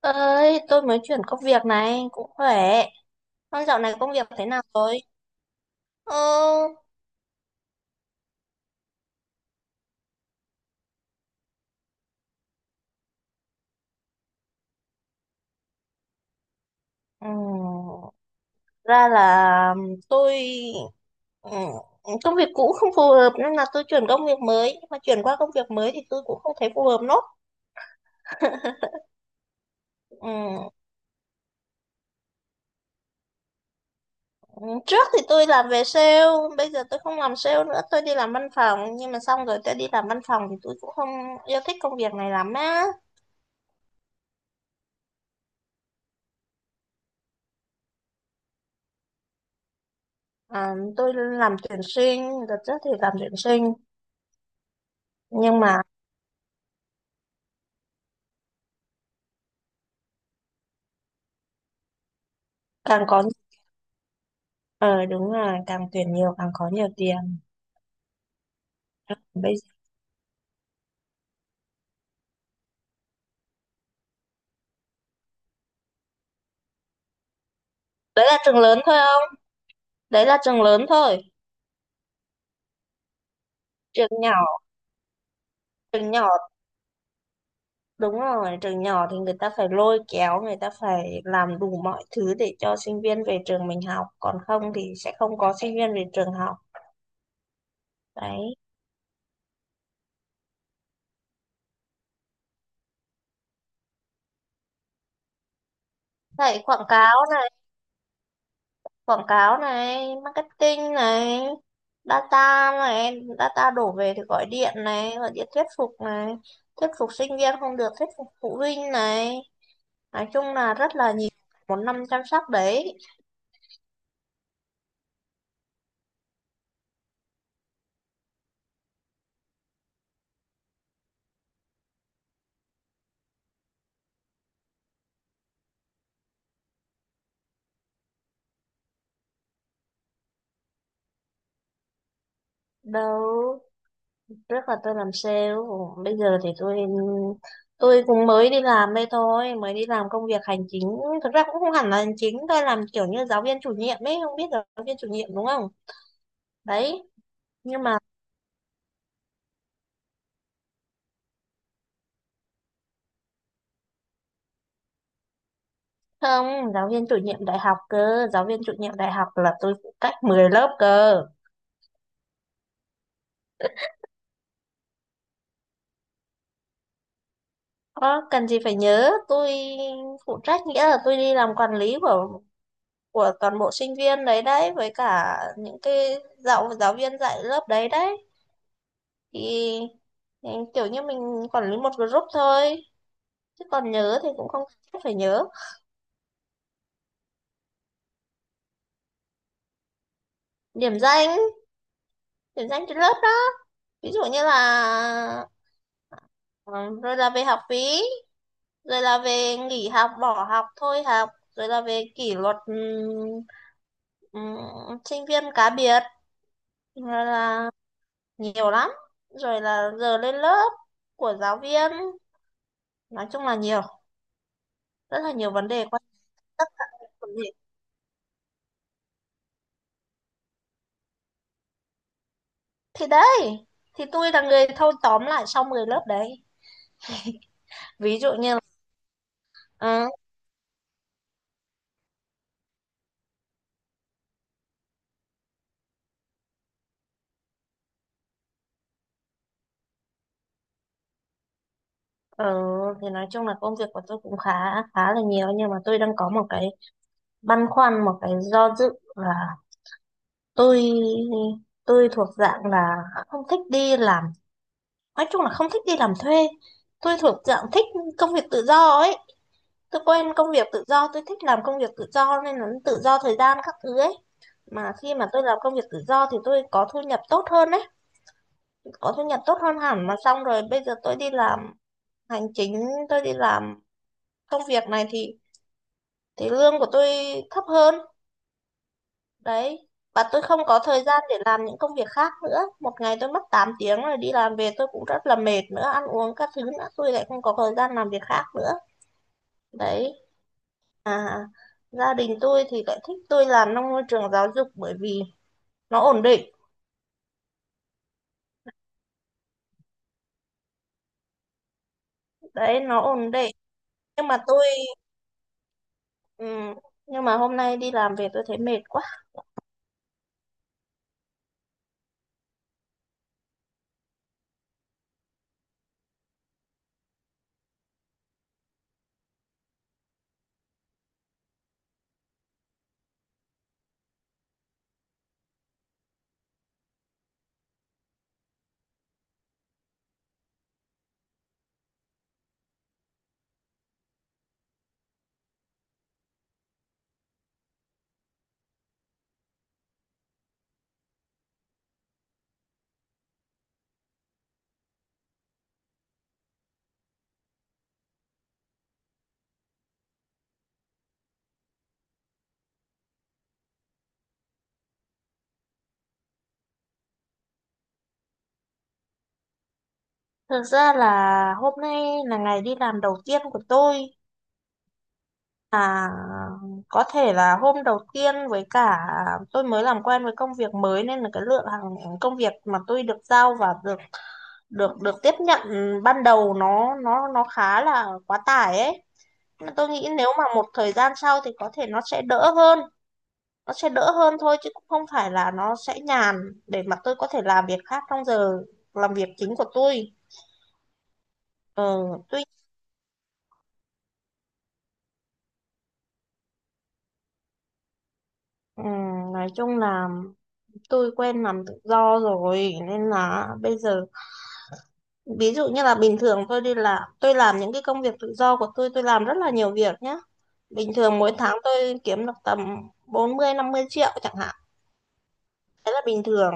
Ơi, tôi mới chuyển công việc, này cũng khỏe. Con dạo này công việc thế nào rồi? Ờ. ừm, Ra là tôi, ừm, công việc cũ không phù hợp nên là tôi chuyển công việc mới, nhưng mà chuyển qua công việc mới thì tôi cũng không thấy phù hợp nốt. Ừm, trước thì tôi làm về sale. Bây giờ tôi không làm sale nữa, tôi đi làm văn phòng, nhưng mà xong rồi tôi đi làm văn phòng thì tôi cũng không yêu thích công việc này lắm á. À, tôi làm tuyển sinh, đợt trước thì làm tuyển sinh nhưng mà càng có. Ờ đúng rồi, càng tuyển nhiều càng có nhiều tiền. Bây giờ... Đấy là trường lớn thôi không? Đấy là trường lớn thôi. Trường nhỏ, trường nhỏ, đúng rồi, trường nhỏ thì người ta phải lôi kéo, người ta phải làm đủ mọi thứ để cho sinh viên về trường mình học. Còn không thì sẽ không có sinh viên về trường học. Đấy. Vậy quảng cáo này, marketing này, data đổ về thì gọi điện này, gọi điện thuyết phục này, thuyết phục sinh viên không được, thuyết phục phụ huynh này. Nói chung là rất là nhiều, một năm chăm sóc đấy. Đâu, trước là tôi làm sale, bây giờ thì tôi cũng mới đi làm đây thôi, mới đi làm công việc hành chính. Thực ra cũng không hẳn là hành chính, tôi làm kiểu như giáo viên chủ nhiệm ấy, không biết giáo viên chủ nhiệm đúng không. Đấy, nhưng mà không, giáo viên chủ nhiệm đại học cơ, giáo viên chủ nhiệm đại học là tôi phụ trách 10 lớp cơ. Ờ, cần gì phải nhớ, tôi phụ trách nghĩa là tôi đi làm quản lý của toàn bộ sinh viên đấy đấy, với cả những cái giáo giáo viên dạy lớp đấy đấy. thì, thì kiểu như mình quản lý một group thôi, chứ còn nhớ thì cũng không chắc phải nhớ. Điểm danh, điểm danh trên lớp đó, ví dụ như là, ừ, rồi là về học phí, rồi là về nghỉ học bỏ học thôi học, rồi là về kỷ luật, sinh viên cá biệt, rồi là nhiều lắm, rồi là giờ lên lớp của giáo viên, nói chung là nhiều. Rất là nhiều vấn đề quan, tất cả các vấn đề. Thì đấy, thì tôi là người thâu tóm lại sau 10 lớp đấy, ví dụ như là. Ừ. Ừ, thì nói chung là công việc của tôi cũng khá, khá là nhiều. Nhưng mà tôi đang có một cái băn khoăn, một cái do dự là tôi tôi thuộc dạng là không thích đi làm, nói chung là không thích đi làm thuê. Tôi thuộc dạng thích công việc tự do ấy. Tôi quen công việc tự do, tôi thích làm công việc tự do, nên là tự do thời gian các thứ ấy. Mà khi mà tôi làm công việc tự do thì tôi có thu nhập tốt hơn đấy, có thu nhập tốt hơn hẳn. Mà xong rồi bây giờ tôi đi làm hành chính, tôi đi làm công việc này thì lương của tôi thấp hơn đấy. Và tôi không có thời gian để làm những công việc khác nữa. Một ngày tôi mất 8 tiếng rồi, đi làm về tôi cũng rất là mệt nữa, ăn uống các thứ nữa, tôi lại không có thời gian làm việc khác nữa. Đấy. À, gia đình tôi thì lại thích tôi làm trong môi trường giáo dục bởi vì nó ổn định. Đấy, nó ổn định, nhưng mà tôi. Ừ, nhưng mà hôm nay đi làm về tôi thấy mệt quá. Thực ra là hôm nay là ngày đi làm đầu tiên của tôi. À, có thể là hôm đầu tiên, với cả tôi mới làm quen với công việc mới nên là cái lượng hàng công việc mà tôi được giao và được được được tiếp nhận ban đầu nó khá là quá tải ấy. Mà tôi nghĩ nếu mà một thời gian sau thì có thể nó sẽ đỡ hơn, nó sẽ đỡ hơn thôi, chứ cũng không phải là nó sẽ nhàn để mà tôi có thể làm việc khác trong giờ làm việc chính của tôi. Ờ, tuy, ừ, nói chung là tôi quen làm tự do rồi nên là bây giờ, ví dụ như là bình thường tôi đi làm tôi làm những cái công việc tự do của tôi làm rất là nhiều việc nhá. Bình thường mỗi tháng tôi kiếm được tầm 40 50 triệu chẳng hạn, đấy là bình thường.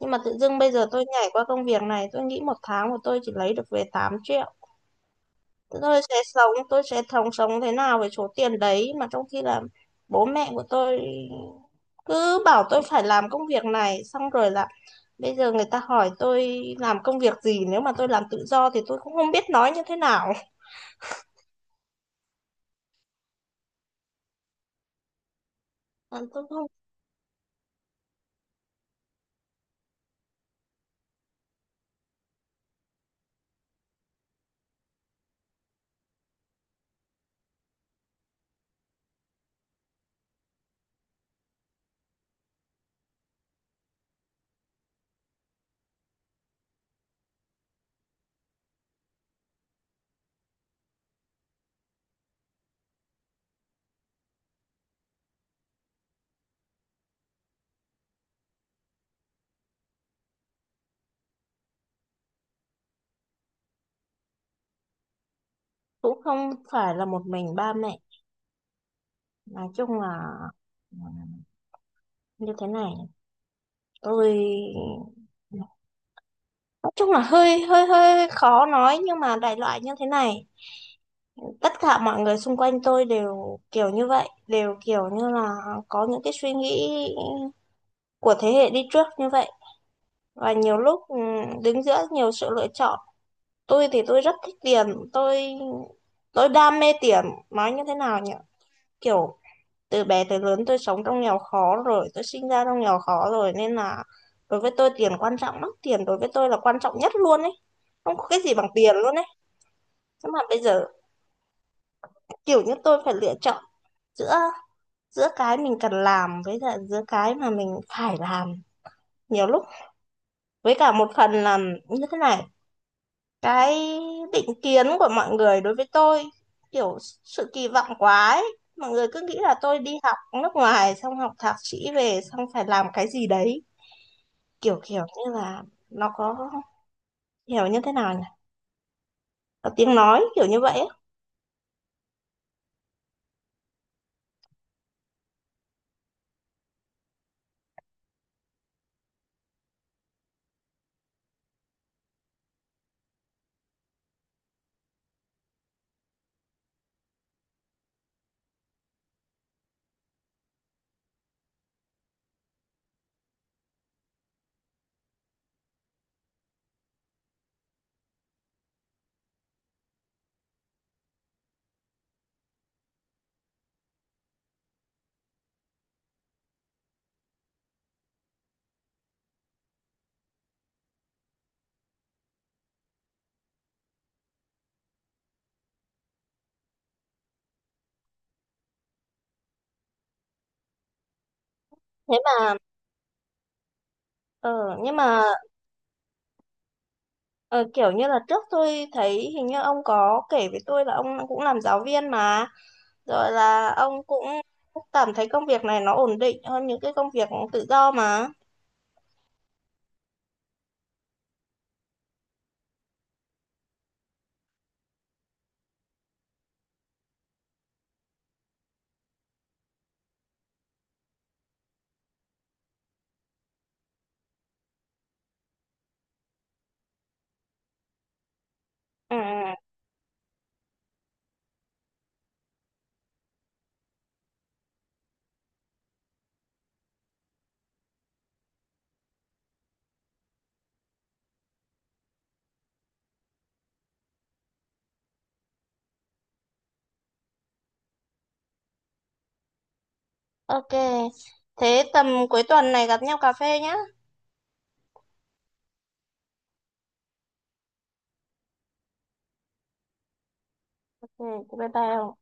Nhưng mà tự dưng bây giờ tôi nhảy qua công việc này, tôi nghĩ một tháng của tôi chỉ lấy được về 8 triệu. Tôi sẽ sống, tôi sẽ thống sống thế nào với số tiền đấy, mà trong khi là bố mẹ của tôi cứ bảo tôi phải làm công việc này. Xong rồi là bây giờ người ta hỏi tôi làm công việc gì, nếu mà tôi làm tự do thì tôi cũng không biết nói như thế nào. Ờ, tôi không, cũng không phải là một mình ba mẹ, nói chung là, ừ, như thế này. Tôi, nói chung là hơi hơi hơi khó nói, nhưng mà đại loại như thế này, tất cả mọi người xung quanh tôi đều kiểu như vậy, đều kiểu như là có những cái suy nghĩ của thế hệ đi trước như vậy. Và nhiều lúc, đứng giữa nhiều sự lựa chọn, tôi thì tôi rất thích tiền, tôi tôi đam mê tiền. Nói như thế nào nhỉ, kiểu từ bé tới lớn tôi sống trong nghèo khó rồi, tôi sinh ra trong nghèo khó rồi, nên là đối với tôi tiền quan trọng lắm, tiền đối với tôi là quan trọng nhất luôn ấy, không có cái gì bằng tiền luôn ấy. Nhưng mà bây giờ kiểu như tôi phải lựa chọn giữa, giữa cái mình cần làm với lại giữa cái mà mình phải làm. Nhiều lúc, với cả một phần là như thế này, cái định kiến của mọi người đối với tôi, kiểu sự kỳ vọng quá ấy. Mọi người cứ nghĩ là tôi đi học nước ngoài xong học thạc sĩ về xong phải làm cái gì đấy, kiểu kiểu như là nó có, hiểu như thế nào nhỉ, có tiếng nói kiểu như vậy ấy. Thế mà, ờ, nhưng mà, ờ, kiểu như là trước tôi thấy hình như ông có kể với tôi là ông cũng làm giáo viên mà. Rồi là ông cũng cảm thấy công việc này nó ổn định hơn những cái công việc tự do mà. Ừ, ok. Thế tầm cuối tuần này gặp nhau cà phê nhá. Ừ, bye bye ông.